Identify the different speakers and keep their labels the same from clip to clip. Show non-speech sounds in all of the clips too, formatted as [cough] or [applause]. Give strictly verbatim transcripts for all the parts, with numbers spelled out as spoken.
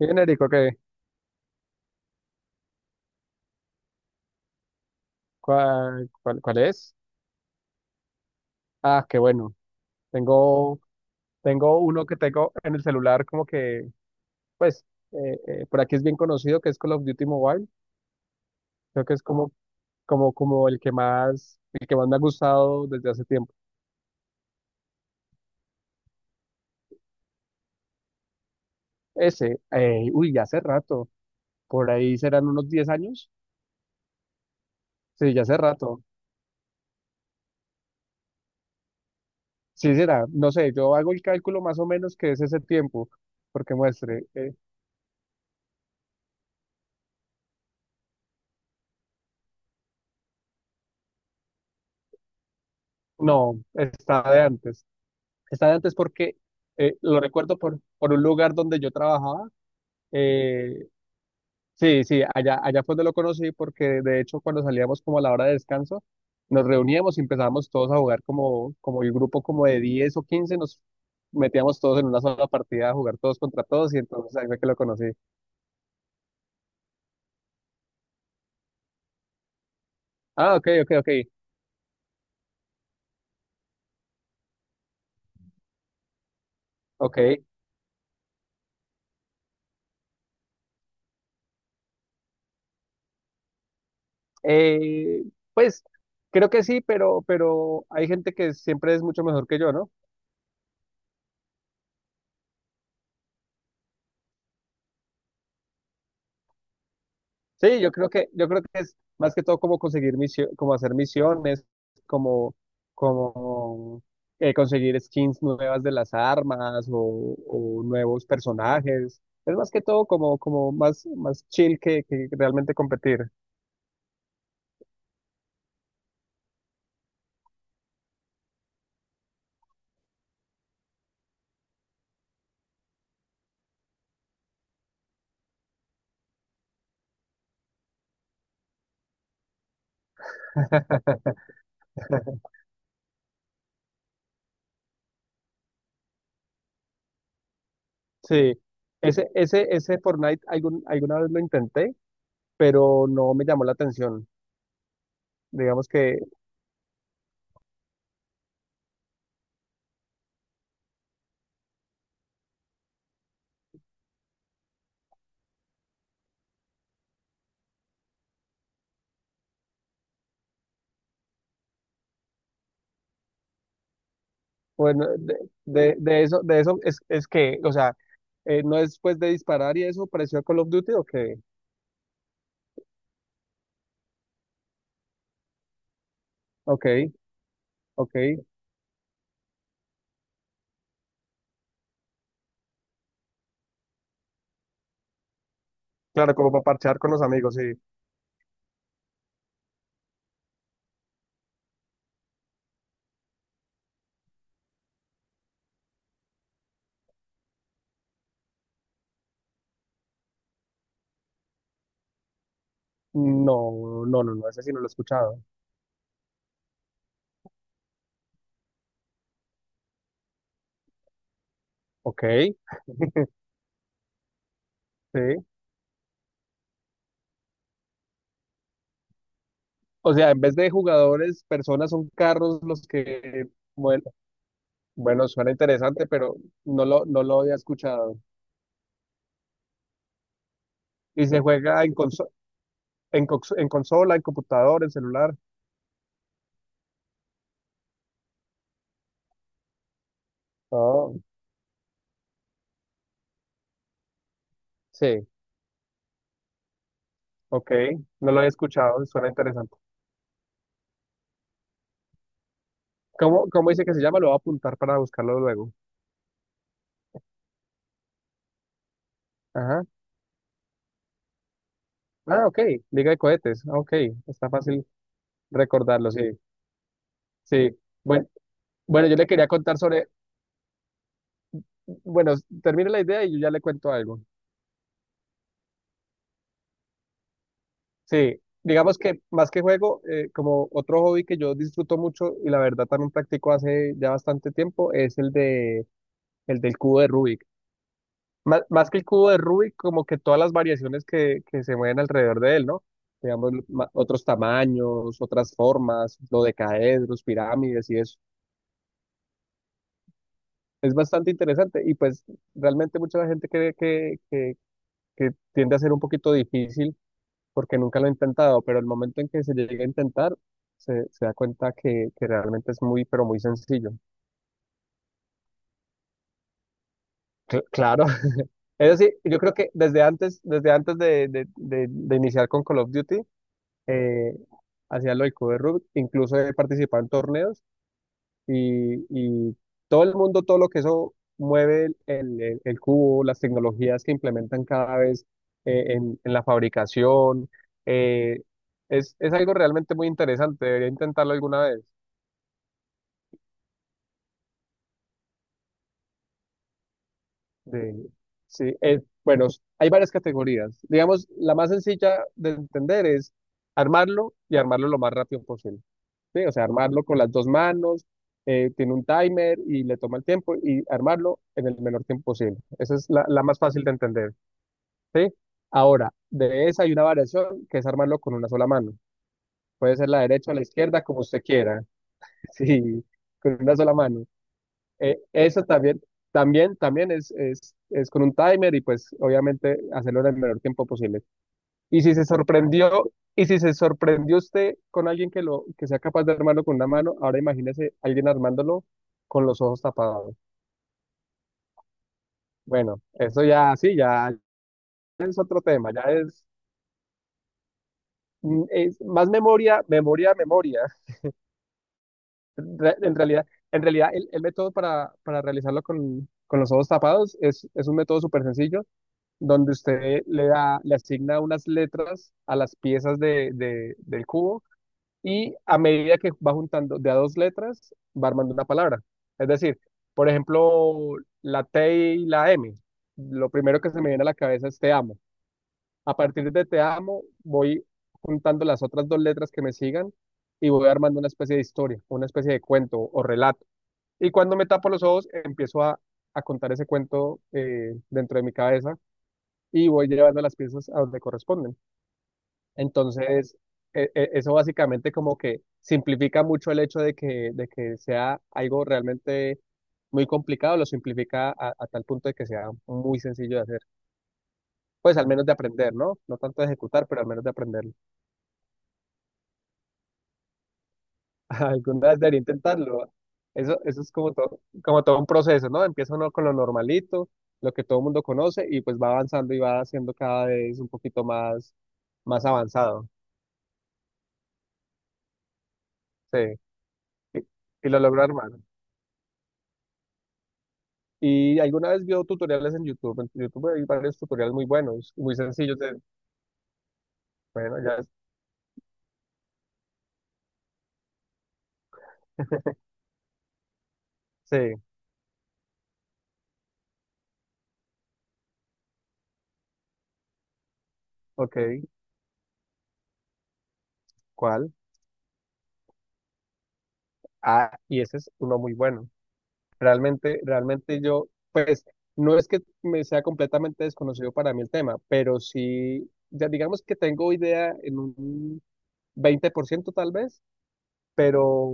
Speaker 1: Genérico, ¿qué? ¿Cuál, cuál, cuál es? Ah, qué bueno. Tengo, tengo uno que tengo en el celular como que, pues, eh, eh, por aquí es bien conocido, que es Call of Duty Mobile. Creo que es como, como, como el que más, el que más me ha gustado desde hace tiempo. Ese, eh, uy, ya hace rato. Por ahí serán unos diez años. Sí, ya hace rato. Sí, será. No sé, yo hago el cálculo más o menos que es ese tiempo, porque muestre. Eh, no, está de antes. Está de antes porque eh, lo recuerdo por, por un lugar donde yo trabajaba. eh, sí, sí, allá, allá fue donde lo conocí porque de hecho cuando salíamos como a la hora de descanso, nos reuníamos y empezábamos todos a jugar como, como el grupo como de diez o quince nos metíamos todos en una sola partida a jugar todos contra todos y entonces ahí fue que lo conocí. Ah, ok, ok, ok, ok. Eh, pues creo que sí, pero, pero hay gente que siempre es mucho mejor que yo, ¿no? Sí, yo creo que, yo creo que es más que todo como conseguir misión, como hacer misiones, como, como eh, conseguir skins nuevas de las armas o, o nuevos personajes. Es más que todo como, como más, más chill que, que realmente competir. [laughs] Sí, ese, ese, ese Fortnite algún, alguna vez lo intenté, pero no me llamó la atención. Digamos que, bueno, de, de, de eso, de eso es, es que, o sea. Eh, ¿no es después de disparar y eso pareció a Call of Duty? Ok, ok, ok. Claro, como para parchear con los amigos, sí. No, no, no, no, ese sí no lo he escuchado. Ok, sí. O sea, en vez de jugadores, personas son carros los que, bueno, bueno, suena interesante, pero no lo, no lo había escuchado. Y se juega en conso- en, cons- en consola, en computador, en celular. Oh, sí, ok, no lo había escuchado, suena interesante. ¿Cómo, cómo dice que se llama? Lo voy a apuntar para buscarlo luego. Ajá. Ah, ok, Liga de Cohetes, ah, ok, está fácil recordarlo, sí, sí. Bueno, bueno, yo le quería contar sobre, bueno, termine la idea y yo ya le cuento algo. Sí, digamos que más que juego, eh, como otro hobby que yo disfruto mucho y la verdad también practico hace ya bastante tiempo, es el de, el del cubo de Rubik. Más, más que el cubo de Rubik, como que todas las variaciones que, que se mueven alrededor de él, ¿no? Digamos, ma- otros tamaños, otras formas, lo de caedros, pirámides y eso. Es bastante interesante y pues realmente mucha gente cree que, que, que tiende a ser un poquito difícil porque nunca lo ha intentado, pero el momento en que se llega a intentar, se, se da cuenta que, que realmente es muy, pero muy sencillo. Cl- claro, [laughs] es decir, yo creo que desde antes, desde antes de, de, de- de iniciar con Call of Duty, eh, hacía lo del cubo de Rubik, incluso he participado en torneos y, y todo el mundo, todo lo que eso mueve el, el- el- el cubo, las tecnologías que implementan cada vez eh, en, en la fabricación, eh, es, es algo realmente muy interesante, debería intentarlo alguna vez. De, sí, eh, bueno, hay varias categorías. Digamos, la más sencilla de entender es armarlo y armarlo lo más rápido posible. Sí, o sea, armarlo con las dos manos, eh, tiene un timer y le toma el tiempo y armarlo en el menor tiempo posible. Esa es la, la más fácil de entender, ¿sí? Ahora, de esa hay una variación que es armarlo con una sola mano. Puede ser la derecha o la izquierda, como usted quiera, [laughs] sí, con una sola mano. Eh, eso también, también, también es, es, es con un timer y pues obviamente hacerlo en el menor tiempo posible. Y si se sorprendió, y si se sorprendió usted con alguien que lo, que sea capaz de armarlo con una mano, ahora imagínese alguien armándolo con los ojos tapados. Bueno, eso ya sí, ya es otro tema, ya es, mm, es más memoria, memoria, memoria. Re- En realidad, en realidad el, el método para, para realizarlo con, con los ojos tapados es, es un método súper sencillo donde usted le da, le asigna unas letras a las piezas de, de- del cubo y a medida que va juntando de a dos letras, va armando una palabra. Es decir, por ejemplo, la T y la M. Lo primero que se me viene a la cabeza es te amo. A partir de te amo, voy juntando las otras dos letras que me sigan y voy armando una especie de historia, una especie de cuento o relato. Y cuando me tapo los ojos, empiezo a, a contar ese cuento eh, dentro de mi cabeza y voy llevando las piezas a donde corresponden. Entonces, e- e- eso básicamente como que simplifica mucho el hecho de que, de que sea algo realmente muy complicado, lo simplifica a, a tal punto de que sea muy sencillo de hacer. Pues al menos de aprender, ¿no? No tanto de ejecutar, pero al menos de aprenderlo. [laughs] Alguna vez debería intentarlo. Eso, eso es como todo, como todo un proceso, ¿no? Empieza uno con lo normalito, lo que todo el mundo conoce, y pues va avanzando y va haciendo cada vez un poquito más, más avanzado. Sí. Y y lo logró armar. Y alguna vez vio tutoriales en YouTube. En YouTube hay varios tutoriales muy buenos, muy sencillos. de- bueno, ya sé, ok, ¿cuál? Ah, y ese es uno muy bueno. Realmente, realmente yo, pues, no es que me sea completamente desconocido para mí el tema, pero sí, ya digamos que tengo idea en un veinte por ciento tal vez, pero,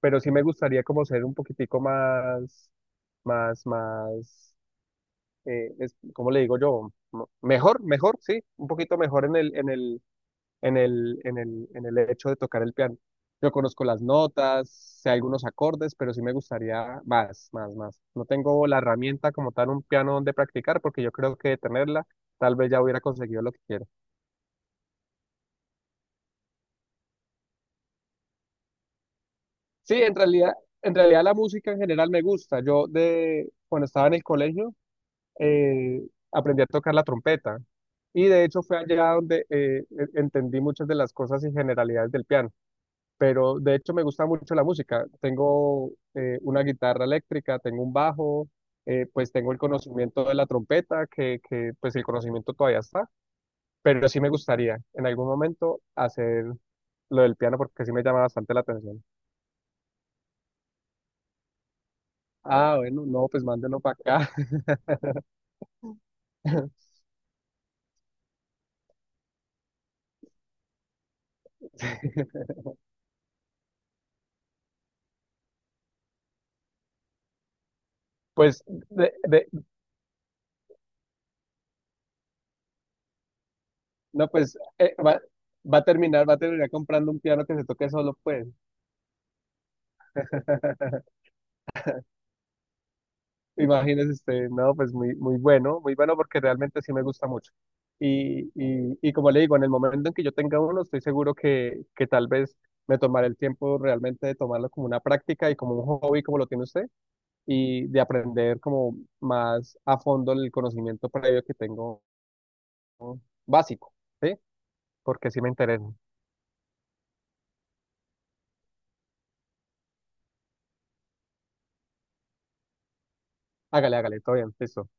Speaker 1: pero sí me gustaría como ser un poquitico más, más, más. eh, es, ¿cómo le digo yo? Mo- Mejor, mejor, sí, un poquito mejor en el, en el, en el, en el, en el, hecho de tocar el piano. Yo conozco las notas, sé algunos acordes, pero sí me gustaría más, más, más. No tengo la herramienta como tal, un piano donde practicar, porque yo creo que de tenerla, tal vez ya hubiera conseguido lo que quiero. Sí, en realidad, en realidad la música en general me gusta. Yo de, cuando estaba en el colegio, eh, aprendí a tocar la trompeta. Y de hecho fue allá donde eh, e- entendí muchas de las cosas y generalidades del piano. Pero de hecho me gusta mucho la música. Tengo eh, una guitarra eléctrica, tengo un bajo, eh, pues tengo el conocimiento de la trompeta, que, que pues el conocimiento todavía está. Pero sí me gustaría en algún momento hacer lo del piano porque sí me llama bastante la atención. Ah, bueno, no, pues mándelo para acá. [laughs] Pues de, de no, pues eh, va, va a terminar, va a terminar comprando un piano que se toque solo, pues. [laughs] Imagínese usted, no, pues muy, muy bueno, muy bueno porque realmente sí me gusta mucho. Y, y, y como le digo, en el momento en que yo tenga uno, estoy seguro que, que tal vez me tomaré el tiempo realmente de tomarlo como una práctica y como un hobby, como lo tiene usted, y de aprender como más a fondo el conocimiento previo que tengo ¿no? básico, ¿sí? Porque sí me interesa. Hágale, hágale, todo bien, listo.